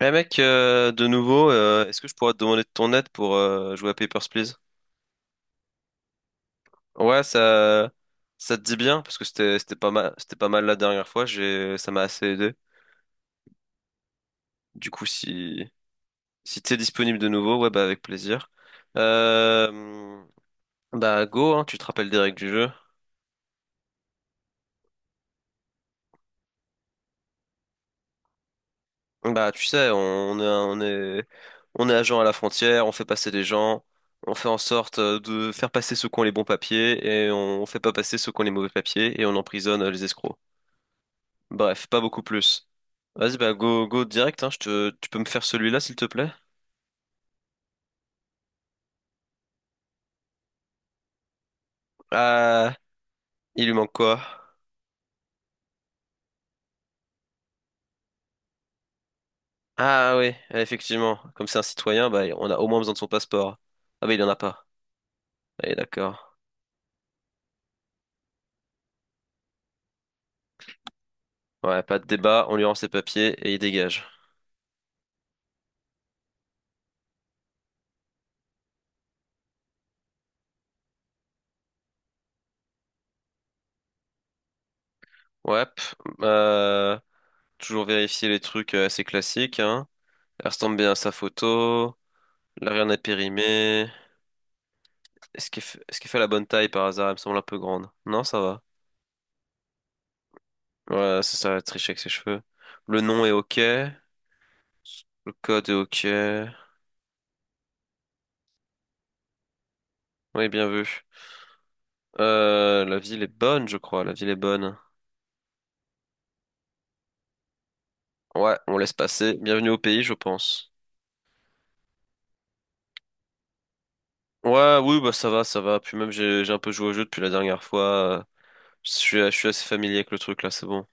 Eh mec, de nouveau, est-ce que je pourrais te demander de ton aide pour jouer à Papers, Please? Ouais, ça te dit bien parce que c'était pas mal la dernière fois. Ça m'a assez aidé. Du coup, si t'es disponible de nouveau, ouais, bah avec plaisir. Euh, bah go, hein, tu te rappelles des règles du jeu. Bah tu sais, on est agent à la frontière, on fait passer des gens, on fait en sorte de faire passer ceux qui ont les bons papiers et on fait pas passer ceux qui ont les mauvais papiers et on emprisonne les escrocs. Bref, pas beaucoup plus. Vas-y, bah go, go direct, hein, tu peux me faire celui-là, s'il te plaît? Ah, il lui manque quoi? Ah oui, effectivement, comme c'est un citoyen, bah on a au moins besoin de son passeport. Ah bah il en a pas. Allez, d'accord. Ouais, pas de débat, on lui rend ses papiers et il dégage. Ouais, pff, euh, toujours vérifier les trucs assez classiques, hein. Ressemble bien à sa photo, là rien n'est périmé. Est-ce qu'il fait la bonne taille par hasard? Elle me semble un peu grande. Non, ça va. Ouais, ça va tricher avec ses cheveux. Le nom est ok. Le code est ok. Oui, bien vu. La ville est bonne, je crois. La ville est bonne. Ouais, on laisse passer. Bienvenue au pays, je pense. Ouais, oui, bah ça va, ça va. Puis même j'ai un peu joué au jeu depuis la dernière fois. euh, je suis assez familier avec le truc là, c'est bon.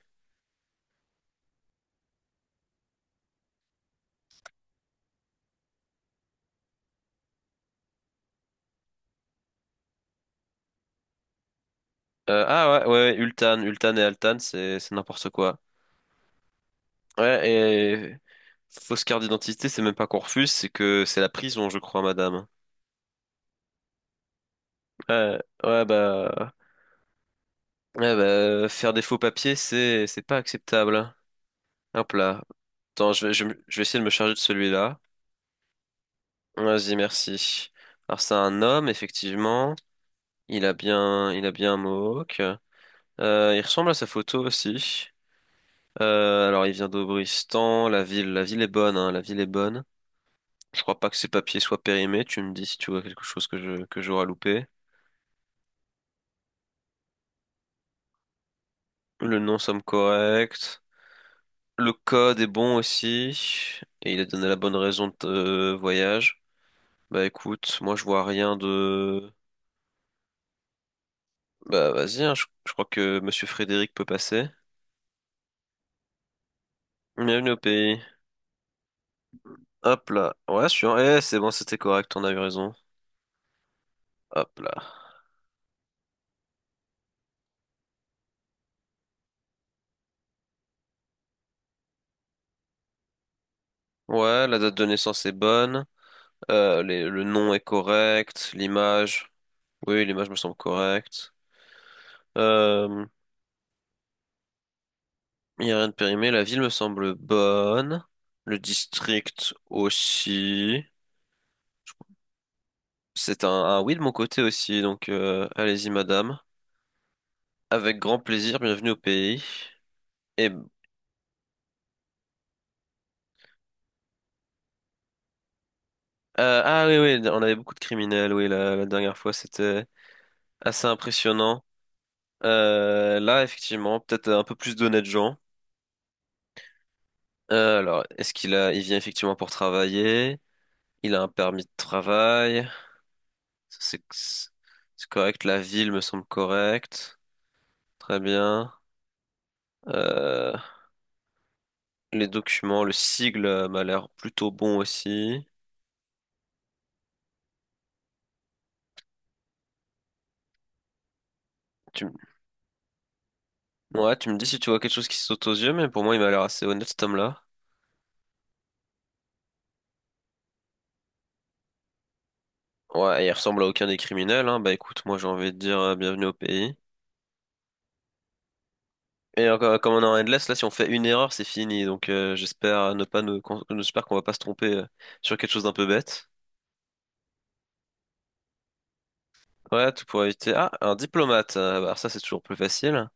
Ah ouais, ouais, ouais, Ultan, Ultan et Altan, c'est n'importe quoi. Ouais, et fausse carte d'identité, c'est même pas qu'on refuse, c'est que c'est la prison, je crois, madame. Ouais, ouais bah, ouais, bah faire des faux papiers, c'est pas acceptable. Hop là. Attends, je vais essayer de me charger de celui-là. Vas-y, merci. Alors, c'est un homme, effectivement. Il a bien un mohawk. Il ressemble à sa photo aussi. Alors, il vient d'Aubristan. La ville est bonne, hein, la ville est bonne. Je crois pas que ses papiers soient périmés. Tu me dis si tu vois quelque chose que j'aurais loupé. Le nom somme correct. Le code est bon aussi. Et il a donné la bonne raison de voyage. Bah écoute, moi je vois rien de... Bah vas-y, hein, je crois que Monsieur Frédéric peut passer. Bienvenue au pays. Hop là. Ouais, je suis en... Eh, c'est bon, c'était correct, on a eu raison. Hop là. Ouais, la date de naissance est bonne. Le nom est correct. L'image. Oui, l'image me semble correcte. Euh, il n'y a rien de périmé. La ville me semble bonne. Le district aussi. C'est un oui de mon côté aussi, donc allez-y madame. Avec grand plaisir, bienvenue au pays. Et Ah oui, oui, on avait beaucoup de criminels, oui, la dernière fois, c'était assez impressionnant. Là, effectivement, peut-être un peu plus d'honnêtes gens. Alors, il vient effectivement pour travailler? Il a un permis de travail? Ça, C'est c'est correct, la ville me semble correcte. Très bien. Euh, les documents, le sigle m'a l'air plutôt bon aussi. Tu, m- ouais, tu me dis si tu vois quelque chose qui saute aux yeux, mais pour moi, il m'a l'air assez honnête, cet homme-là. Ouais, il ressemble à aucun des criminels, hein. Bah écoute, moi j'ai envie de dire bienvenue au pays. Et encore, comme on est en endless, là si on fait une erreur, c'est fini. Donc j'espère ne pas nous, qu'on- j'espère qu'on va pas se tromper sur quelque chose d'un peu bête. Ouais, tout pour éviter. Ah, un diplomate. Bah, alors ça c'est toujours plus facile.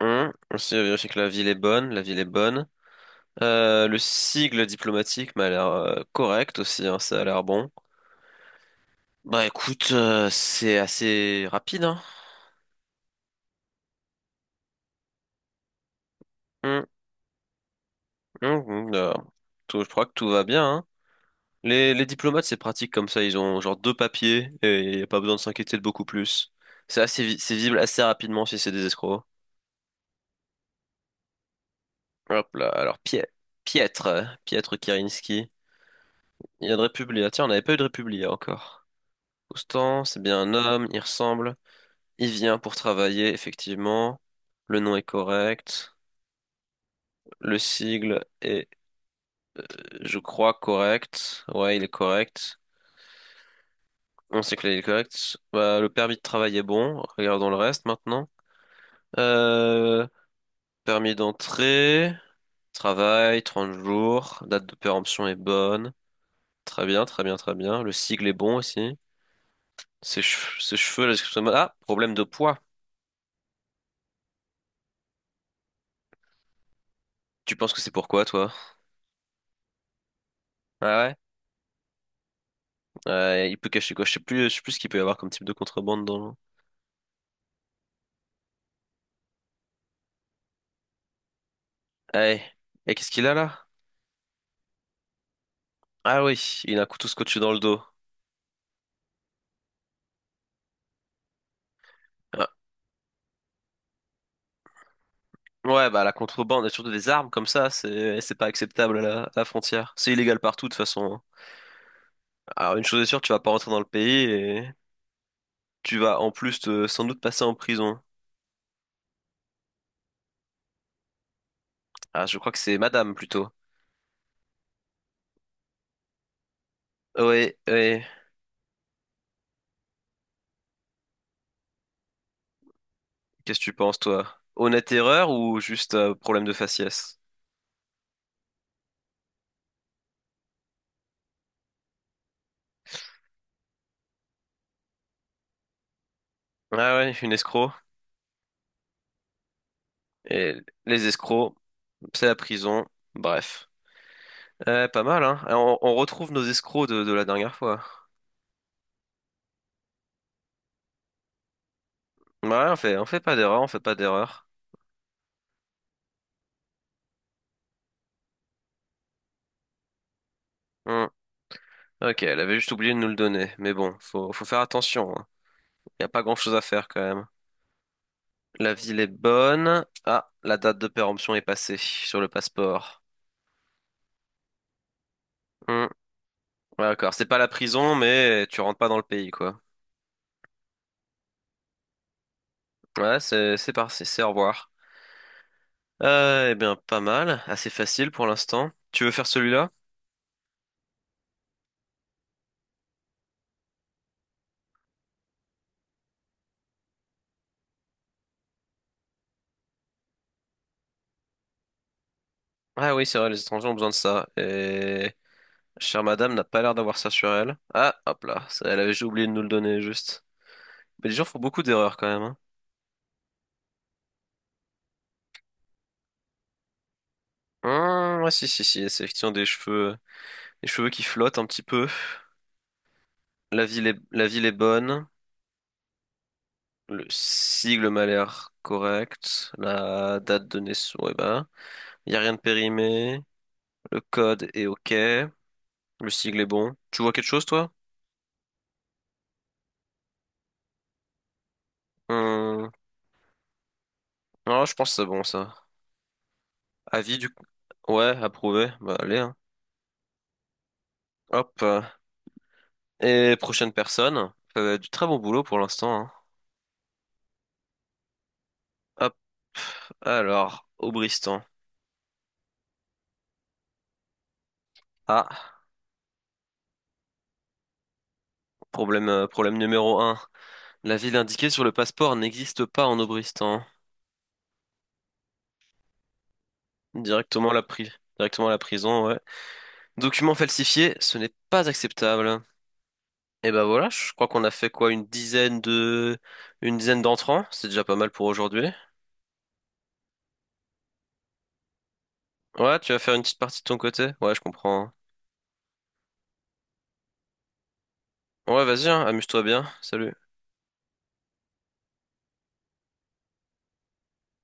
Aussi vérifier que la ville est bonne, la ville est bonne. Le sigle diplomatique m'a l'air correct aussi, hein, ça a l'air bon. Bah écoute, c'est assez rapide, hein. Hum, hum, hum, euh, Tout- je crois que tout va bien, hein. Les diplomates, c'est pratique comme ça. Ils ont genre deux papiers et y a pas besoin de s'inquiéter de beaucoup plus. C'est visible assez rapidement si c'est des escrocs. Hop là, alors Pietre Kirinski. Il y a de Republia. Tiens, on n'avait pas eu de Republia encore. Constant, c'est bien un homme, il ressemble. Il vient pour travailler, effectivement. Le nom est correct. Le sigle est, je crois, correct. Ouais, il est correct. On sait que là, il est correct. Bah, le permis de travail est bon. Regardons le reste maintenant. Euh, Permis d'entrée, travail, 30 jours, date de péremption est bonne. Très bien, très bien, très bien. Le sigle est bon aussi. Ses cheveux, la description... de mode- Ah, problème de poids. Tu penses que c'est pourquoi, toi? Ah ouais? Il peut cacher quoi? Je sais plus ce qu'il peut y avoir comme type de contrebande dans... le... Eh, Et qu'est-ce qu'il a là? Ah oui, il a un couteau scotché dans le dos. Ah. Ouais, bah la contrebande, et surtout des armes comme ça, c'est pas acceptable à la frontière. C'est illégal partout de toute façon. Hein. Alors une chose est sûre, tu vas pas rentrer dans le pays. Tu vas en plus sans doute passer en prison. Ah, je crois que c'est madame plutôt. Ouais, ouais. Qu'est-ce que tu penses, toi? Honnête erreur ou juste problème de faciès? Ah ouais, une escroc. Et les escrocs, c'est la prison. Bref. Pas mal, hein? Et On retrouve nos escrocs de la dernière fois. Ouais, on fait pas d'erreur, on fait pas d'erreur. Hmm. Ok, elle avait juste oublié de nous le donner. Mais bon, faut faire attention. Hein. Y a pas grand-chose à faire quand même. La ville est bonne. Ah, la date de péremption est passée sur le passeport. Hmm. Ouais, d'accord, c'est pas la prison, mais tu rentres pas dans le pays, quoi. Ouais, c'est parti, c'est au revoir. Eh bien, pas mal, assez facile pour l'instant. Tu veux faire celui-là? Ah oui, c'est vrai, les étrangers ont besoin de ça. Et chère madame n'a pas l'air d'avoir ça sur elle. Ah, hop là, ça, elle avait juste oublié de nous le donner, juste. Mais les gens font beaucoup d'erreurs quand même, hein. Hmm, ouais, si, si, si, c'est effectivement des cheveux qui flottent un petit peu. La ville est bonne. Le sigle m'a l'air correct. La date de naissance, ouais, bah. Il n'y a rien de périmé. Le code est OK. Le sigle est bon. Tu vois quelque chose, toi? Hum, Ah, je pense que c'est bon, ça. Avis du... Ouais, approuvé. Bah, allez, hein. Hop. Et prochaine personne. Du très bon boulot pour l'instant, hein. Hop. Alors, Aubristan. Ah, problème numéro un. La ville indiquée sur le passeport n'existe pas en Aubristan. Directement à la pri- Directement à la prison, ouais. Document falsifié, ce n'est pas acceptable. Et ben voilà, je crois qu'on a fait quoi, une dizaine d'entrants, c'est déjà pas mal pour aujourd'hui. Ouais, tu vas faire une petite partie de ton côté? Ouais, je comprends. Ouais, vas-y, hein, amuse-toi bien. Salut.